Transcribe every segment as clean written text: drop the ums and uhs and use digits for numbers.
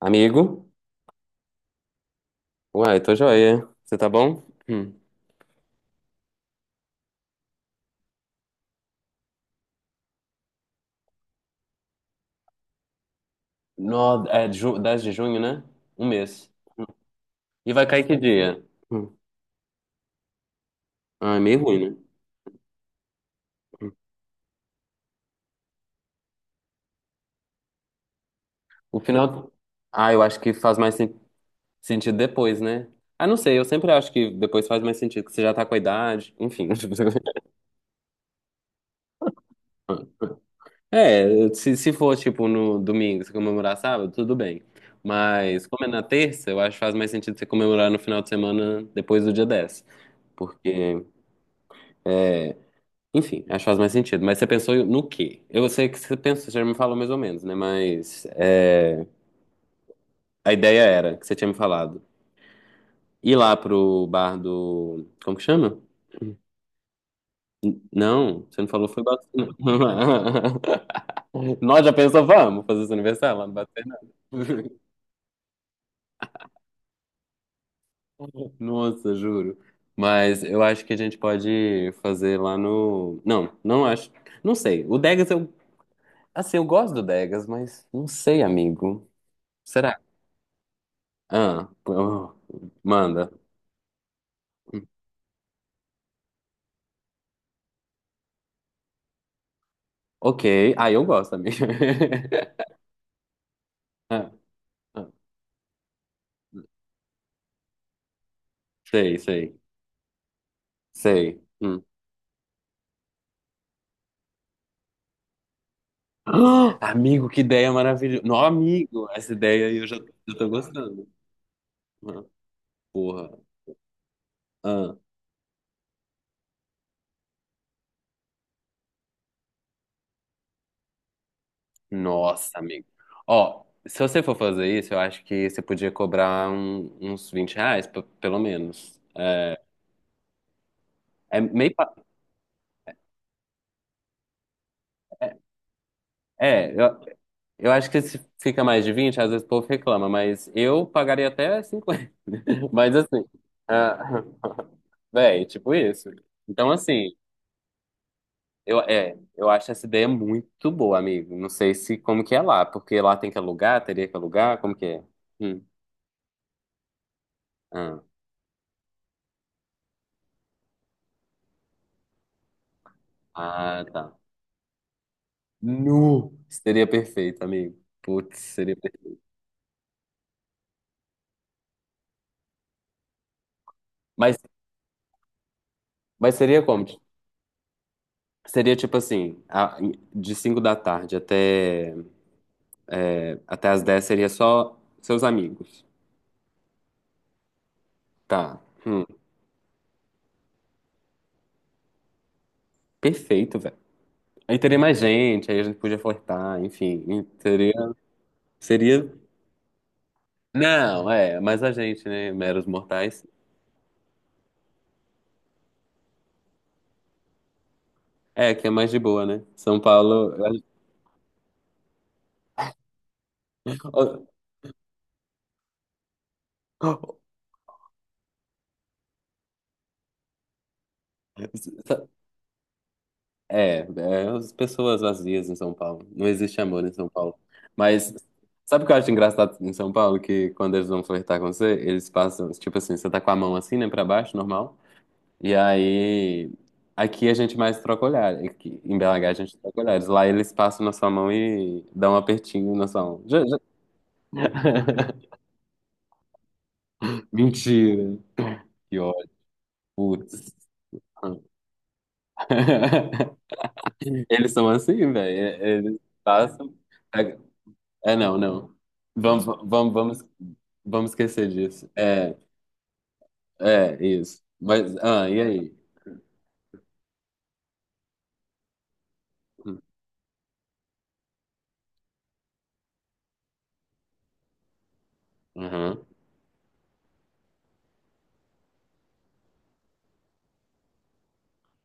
Amigo? Uai, tô joia. Você tá bom? Hum. No, é 10 de junho, né? Um mês. E vai cair que dia? Hum. Ah, é meio ruim, né? Hum. O final. Ah, eu acho que faz mais sentido depois, né? Ah, não sei, eu sempre acho que depois faz mais sentido, que você já tá com a idade, enfim. É, se for tipo no domingo, você comemorar sábado, tudo bem. Mas como é na terça, eu acho que faz mais sentido você comemorar no final de semana depois do dia 10, porque, enfim, acho que faz mais sentido. Mas você pensou no quê? Eu sei que você pensou, você já me falou mais ou menos, né? Mas é, a ideia era que você tinha me falado. Ir lá pro bar do. Como que chama? Não, você não falou, foi Batuta. Nós já pensamos, vamos fazer esse aniversário lá no Batuta. Nossa, juro. Mas eu acho que a gente pode fazer lá no. Não, não acho. Não sei. O Degas, eu. Assim, eu gosto do Degas, mas não sei, amigo. Será? Ah, pô, manda. Ok. Ah, eu gosto, amiga. Ah, ah, sei, sei, sei. Hum. Ah, amigo, que ideia maravilhosa. Não, amigo, essa ideia aí eu já tô gostando. Ah, porra. Ah, nossa, amigo. Ó, se você for fazer isso, eu acho que você podia cobrar uns R$ 20, pelo menos. É, é meio. É, eu acho que se fica mais de 20, às vezes o povo reclama, mas eu pagaria até 50. Mas assim. Ah. Véi, tipo isso. Então, assim, é, eu acho essa ideia muito boa, amigo. Não sei se como que é lá, porque lá tem que alugar, teria que alugar, como que é? Hum. Ah, ah, tá. Nu! Seria perfeito, amigo. Putz, seria perfeito. Mas, mas seria como? Seria tipo assim, de 5 da tarde até as 10 seria só seus amigos. Tá. Hum. Perfeito, velho. Aí teria mais gente, aí a gente podia flertar, enfim. Seria. Seria. Não, é, mas a gente, né, meros mortais, é que é mais de boa, né? São Paulo, as pessoas vazias em São Paulo. Não existe amor em São Paulo. Mas sabe o que eu acho engraçado em São Paulo? Que quando eles vão flertar com você, eles passam, tipo assim, você tá com a mão assim, né, pra baixo, normal. E aí, aqui a gente mais troca olhar. Aqui, em BH a gente troca olhares. Lá eles passam na sua mão e dão um apertinho na sua mão. Mentira. Que Putz. Eles são assim, velho. Eles passam. É, é, não, não. Vamos, vamos, vamos, vamos esquecer disso. É, é, isso. Mas, ah, e aí? Uhum.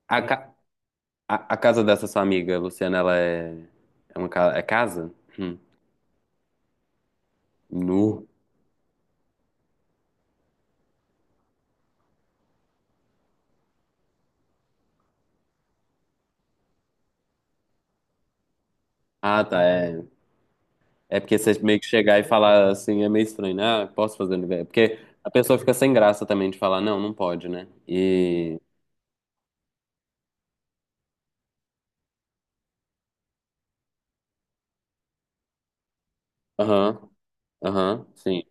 A, ca- a casa dessa sua amiga, Luciana, ela é, é casa? Hum. Nu. Ah, tá, é. É porque você meio que chegar e falar assim é meio estranho, né? Ah, posso fazer aniversário? Porque a pessoa fica sem graça também de falar, não, não pode, né? E. Aham, aham, sim.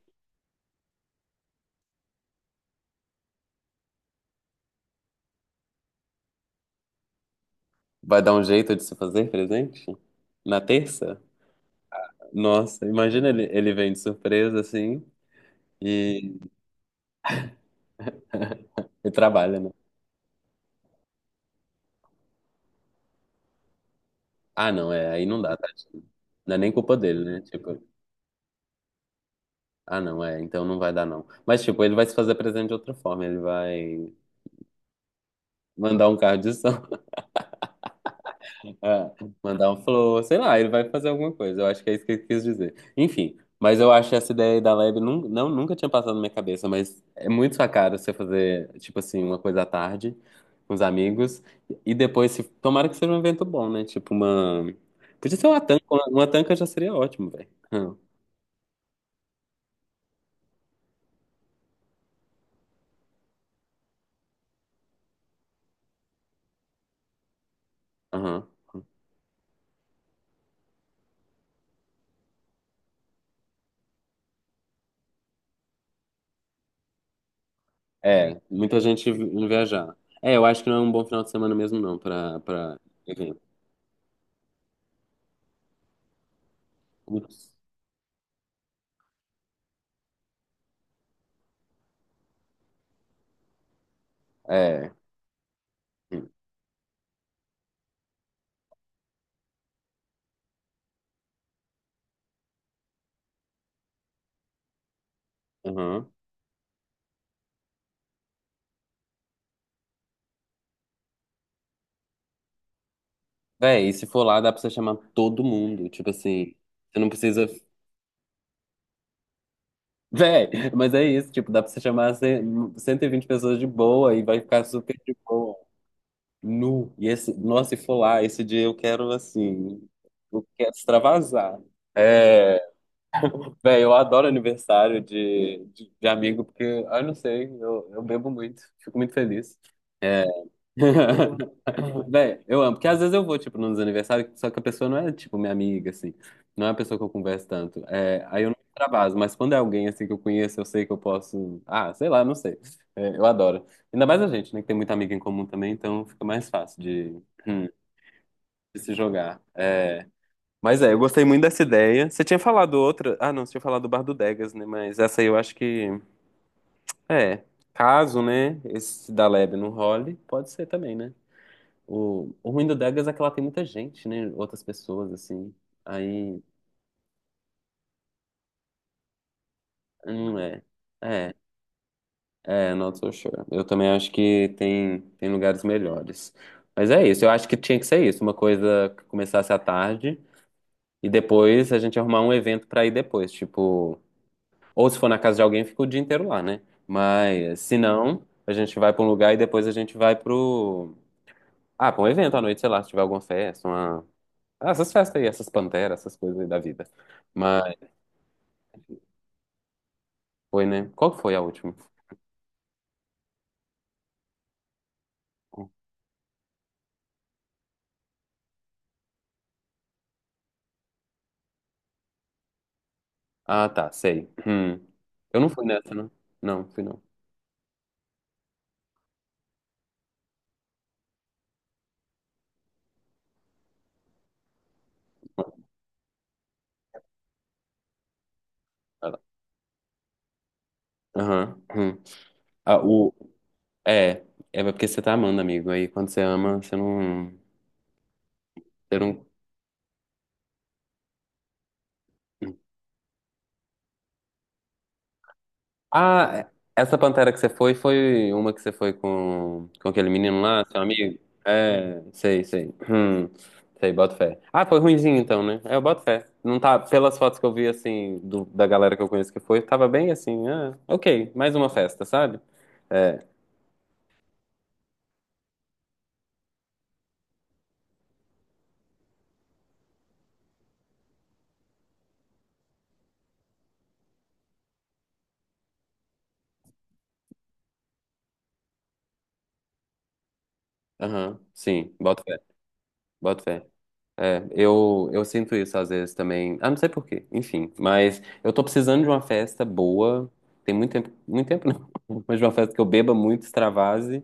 Vai dar um jeito de se fazer presente? Na terça? Nossa, imagina ele vem de surpresa assim e, e trabalha, né? Ah, não, é, aí não dá, tadinho. Não é nem culpa dele, né? Tipo, ah, não, é, então não vai dar, não. Mas, tipo, ele vai se fazer presente de outra forma. Ele vai mandar um carro de som. É, mandar um flow, sei lá, ele vai fazer alguma coisa. Eu acho que é isso que ele quis dizer. Enfim, mas eu acho essa ideia aí da lab nunca tinha passado na minha cabeça, mas é muito sua cara você fazer, tipo assim, uma coisa à tarde com os amigos e depois, se, tomara que seja um evento bom, né? Tipo uma. Podia ser uma tanca, uma tanca já seria ótimo, velho. Aham. É, muita gente indo viajar. É, eu acho que não é um bom final de semana mesmo, não, pra evento. Putz, é. Aham. Véi, e se for lá, dá pra você chamar todo mundo. Tipo assim, você não precisa. Véi, mas é isso, tipo, dá pra você chamar 120 pessoas de boa e vai ficar super de boa. Nu. E esse, nossa, se for lá, esse dia eu quero assim. Eu quero extravasar. É, véi, eu adoro aniversário de amigo, porque, ah, eu não sei, eu bebo muito, fico muito feliz. É. Véi, eu amo, porque às vezes eu vou, tipo, nos aniversários, só que a pessoa não é, tipo, minha amiga, assim, não é a pessoa que eu converso tanto, é, aí eu não extravaso, mas quando é alguém, assim, que eu conheço, eu sei que eu posso, ah, sei lá, não sei, é, eu adoro, ainda mais a gente, né, que tem muita amiga em comum também, então fica mais fácil hum, de se jogar, é, mas é, eu gostei muito dessa ideia, você tinha falado outra, ah, não, você tinha falado do Bar do Degas, né, mas essa aí eu acho que, é, caso, né, esse da Lebe não role, pode ser também, né? O ruim do Degas é que ela tem muita gente, né? Outras pessoas, assim. Aí, não é. É, not so sure. Eu também acho que tem lugares melhores. Mas é isso, eu acho que tinha que ser isso. Uma coisa que começasse à tarde e depois a gente arrumar um evento pra ir depois. Tipo, ou se for na casa de alguém, fica o dia inteiro lá, né? Mas se não, a gente vai pra um lugar e depois a gente vai pro. Ah, pra um evento à noite, sei lá, se tiver alguma festa, uma. Ah, essas festas aí, essas panteras, essas coisas aí da vida. Foi, né? Qual que foi a última? Ah, tá, sei. Hum. Eu não fui nessa, né? Não, fui não. Vai lá. Aham. Hum. Ah, o... É, é porque você tá amando, amigo. Aí quando você ama, você não. Você não. Ah, essa Pantera que você foi, foi uma que você foi com aquele menino lá, seu amigo? É, sei, sei. Sei, boto fé. Ah, foi ruinzinho então, né? É, eu boto fé. Não tá, pelas fotos que eu vi, assim, da galera que eu conheço que foi, tava bem assim, ah, ok, mais uma festa, sabe? É, aham, sim, boto fé, boto fé. É, eu sinto isso às vezes também. Ah, não sei por quê, enfim. Mas eu tô precisando de uma festa boa. Tem muito tempo não, mas de uma festa que eu beba muito, extravase.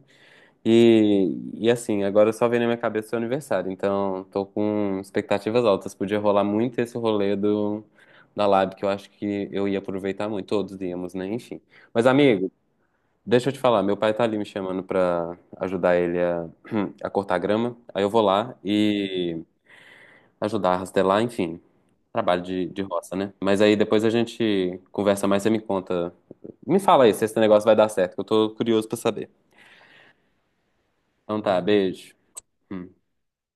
E assim, agora só vem na minha cabeça o seu aniversário, então tô com expectativas altas. Podia rolar muito esse rolê do, da Lab, que eu acho que eu ia aproveitar muito, todos íamos, né? Enfim. Mas, amigo, deixa eu te falar, meu pai tá ali me chamando pra ajudar ele a, a cortar grama, aí eu vou lá e ajudar a rastelar, enfim, trabalho de roça, né? Mas aí depois a gente conversa mais, você me conta, me fala aí se esse negócio vai dar certo, que eu tô curioso pra saber. Então tá, beijo. Hum.